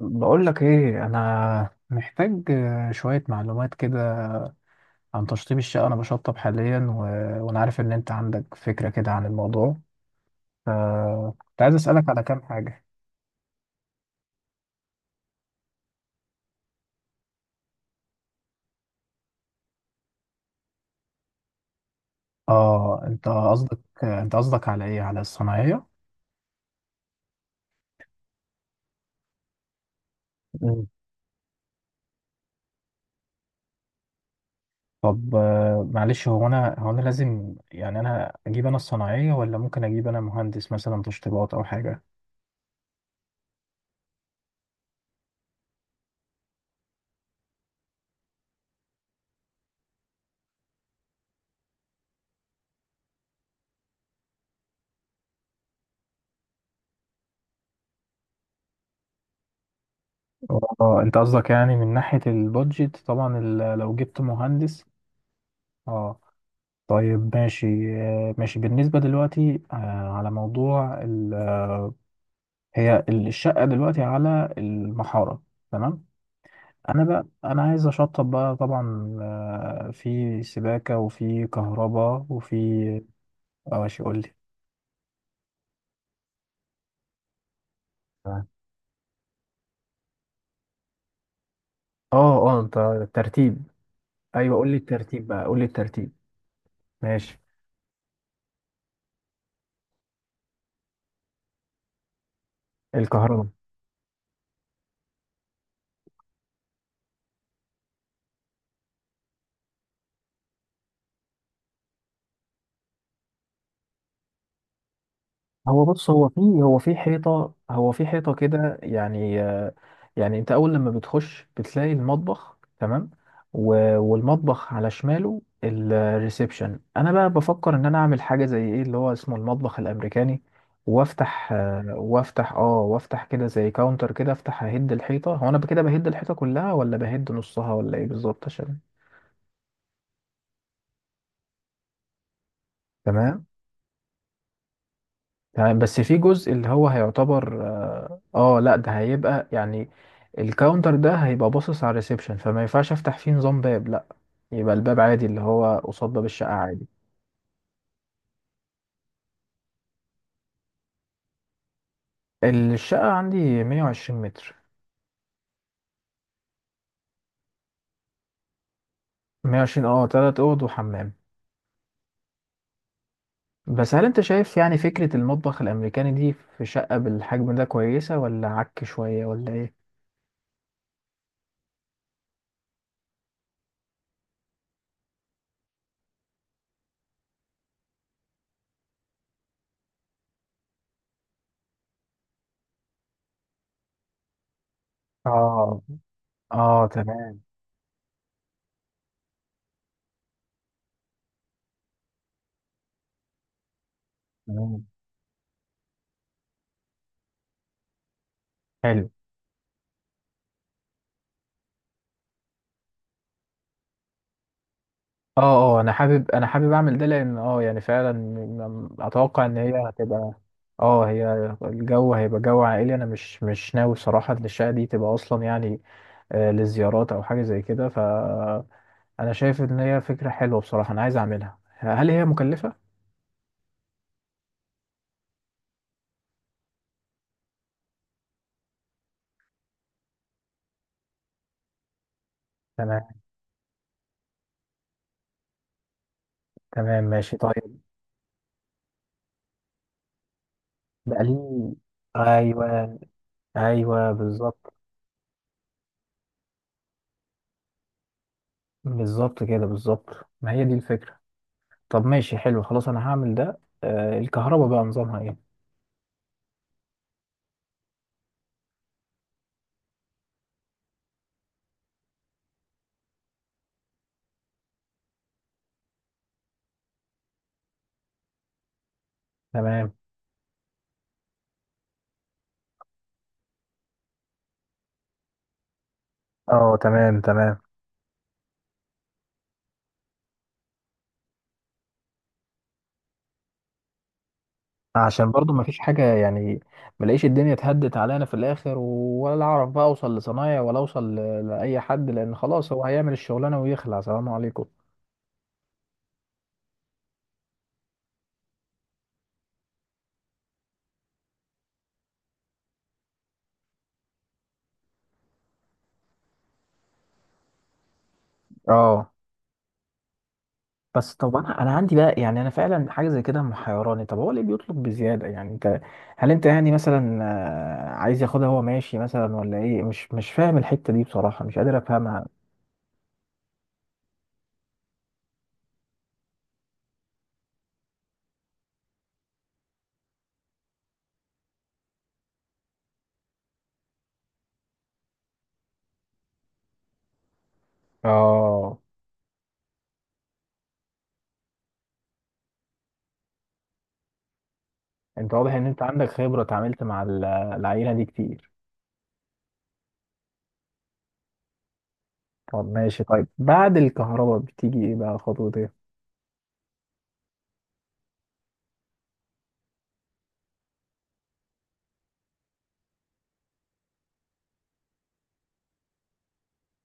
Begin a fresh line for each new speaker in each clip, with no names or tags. بقول لك ايه، انا محتاج شوية معلومات كده عن تشطيب الشقة. انا بشطب حاليا وانا عارف ان انت عندك فكرة كده عن الموضوع، فكنت عايز اسألك على كام حاجة. اه، انت قصدك على ايه، على الصناعية؟ مم. طب معلش، هو انا لازم يعني، انا اجيب انا الصناعية، ولا ممكن اجيب انا مهندس مثلا تشطيبات او حاجة؟ اه، انت قصدك يعني من ناحية البادجت طبعا، لو جبت مهندس. اه. طيب ماشي. ماشي بالنسبة دلوقتي، على موضوع هي الشقة دلوقتي على المحارة. تمام. أنا بقى، أنا عايز أشطب بقى طبعا، في سباكة وفي كهرباء وفي... اه، ماشي، قول لي. اه، اه، انت الترتيب. ايوه، قول لي الترتيب بقى، قول لي الترتيب. ماشي. الكهرباء. هو بص، هو في حيطة، كده يعني، يعني انت اول لما بتخش بتلاقي المطبخ. تمام. والمطبخ على شماله الريسبشن. انا بقى بفكر ان انا اعمل حاجة زي ايه، اللي هو اسمه المطبخ الامريكاني، وافتح وافتح كده زي كاونتر كده، افتح اهد الحيطة. هو انا كده بهد الحيطة كلها، ولا بهد نصها، ولا ايه بالظبط؟ عشان... تمام. تمام، بس في جزء اللي هو هيعتبر لا ده هيبقى يعني، الكاونتر ده هيبقى باصص على الريسبشن، فما ينفعش افتح فيه نظام باب، لا. يبقى الباب عادي، اللي هو قصاد باب الشقة، عادي. الشقة عندي 120 متر. 120، اه، تلات اوض وحمام. بس هل انت شايف يعني فكرة المطبخ الامريكاني دي في شقة بالحجم ده كويسة، ولا عك شوية، ولا ايه؟ اه. اه، تمام. تمام. حلو. اه، اه، انا حابب اعمل ده، لان يعني فعلا اتوقع ان هي هتبقى... اه، هي الجو هيبقى جو عائلي. انا مش ناوي صراحة ان الشقة دي تبقى اصلا يعني للزيارات او حاجة زي كده، ف... انا شايف ان هي فكرة حلوة بصراحة، انا عايز اعملها. هل هي مكلفة؟ تمام. تمام ماشي. طيب. بقالي. ايوه. ايوه، بالظبط. بالظبط كده، بالظبط، ما هي دي الفكرة. طب ماشي، حلو، خلاص انا هعمل ده. الكهرباء بقى نظامها ايه؟ تمام. اه، تمام. تمام. عشان برضو ما فيش حاجة يعني، ملاقيش الدنيا اتهدت علينا في الآخر، ولا أعرف بقى أوصل لصنايع ولا أوصل لأي حد، لأن خلاص هو هيعمل الشغلانة ويخلع، سلام عليكم. اه. بس طب، أنا عندي بقى يعني، أنا فعلا حاجة زي كده محيراني. طب هو ليه بيطلب بزيادة؟ يعني أنت، هل أنت يعني مثلا عايز ياخدها هو ماشي مثلا، ولا إيه؟ مش فاهم الحتة دي بصراحة، مش قادر أفهمها. اه. أنت واضح إن أنت عندك خبرة، اتعاملت مع العيلة دي كتير. طب ماشي. طيب بعد الكهرباء بتيجي ايه بقى؟ خطوة ايه؟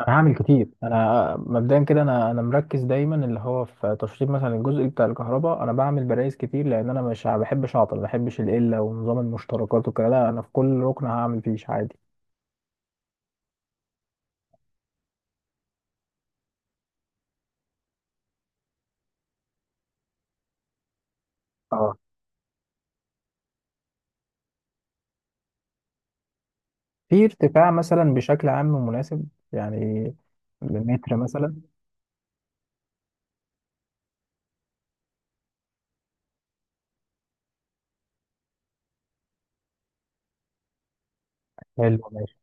انا هعمل كتير. انا مبدئيا كده، انا مركز دايما اللي هو في تشطيب مثلا الجزء بتاع الكهرباء، انا بعمل برايز كتير، لان انا مش ما بحبش اعطل، ما بحبش القله ونظام المشتركات وكده. لا، انا في كل ركن هعمل فيش عادي. اه. في ارتفاع مثلا بشكل عام مناسب يعني، بمتر مثلا؟ حلو ماشي.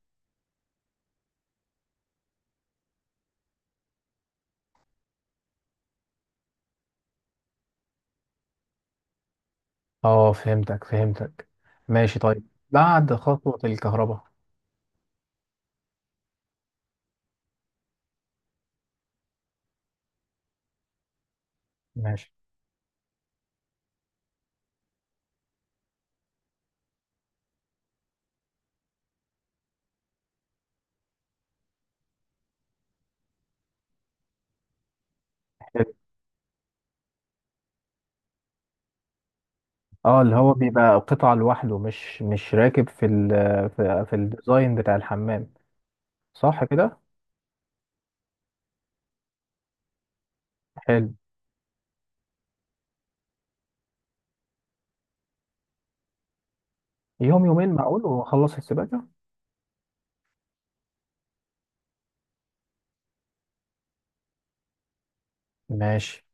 اه، فهمتك، فهمتك. ماشي. طيب بعد خطوة الكهرباء؟ ماشي. اه، اللي هو بيبقى قطعة لوحده، مش راكب في ال... في الديزاين بتاع الحمام. صح كده. حلو. يوم يومين معقول واخلص السباكة؟ ماشي.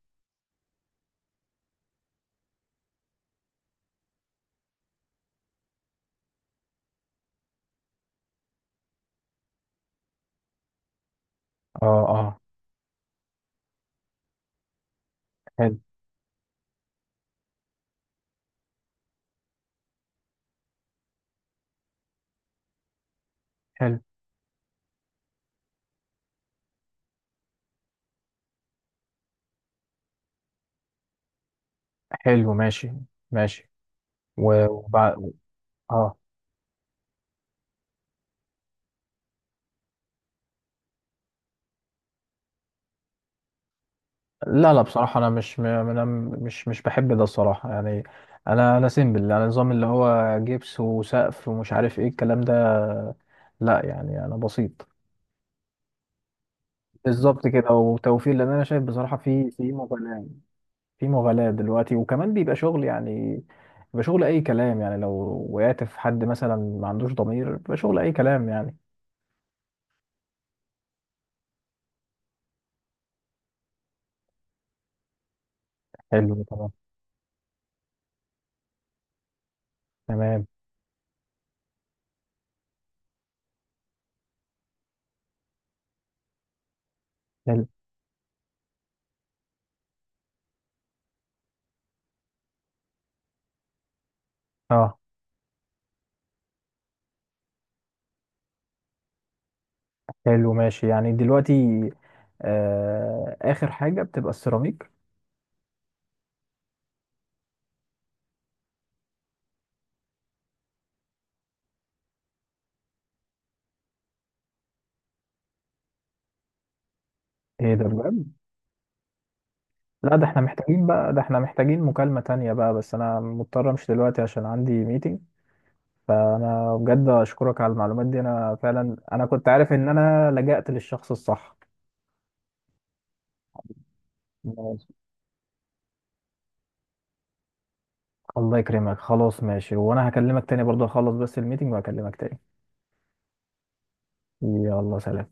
اه، اه، حلو. حلو. حلو ماشي. ماشي. و- وبع... اه، لا، لا، بصراحة انا مش، انا مش بحب ده الصراحة يعني. انا سيمبل، انا نظام اللي هو جبس وسقف ومش عارف ايه الكلام ده. لا يعني، انا بسيط. بالظبط كده، وتوفير، لان انا شايف بصراحة في مبالغة، في مغالاة دلوقتي. وكمان بيبقى شغل يعني، بيبقى شغل أي كلام يعني. لو وقعت في حد مثلا ما عندوش ضمير، بيبقى شغل أي كلام يعني. حلو تمام. تمام. حلو. اه. حلو ماشي يعني. دلوقتي آخر حاجة بتبقى السيراميك؟ ايه ده بجد؟ لا، ده احنا محتاجين مكالمة تانية بقى. بس أنا مضطر أمشي دلوقتي عشان عندي ميتنج. فأنا بجد أشكرك على المعلومات دي. أنا فعلا، أنا كنت عارف إن أنا لجأت للشخص الصح. ماشي. الله يكرمك. خلاص ماشي، وانا هكلمك تاني برضه، اخلص بس الميتنج وهكلمك تاني. يلا، سلام.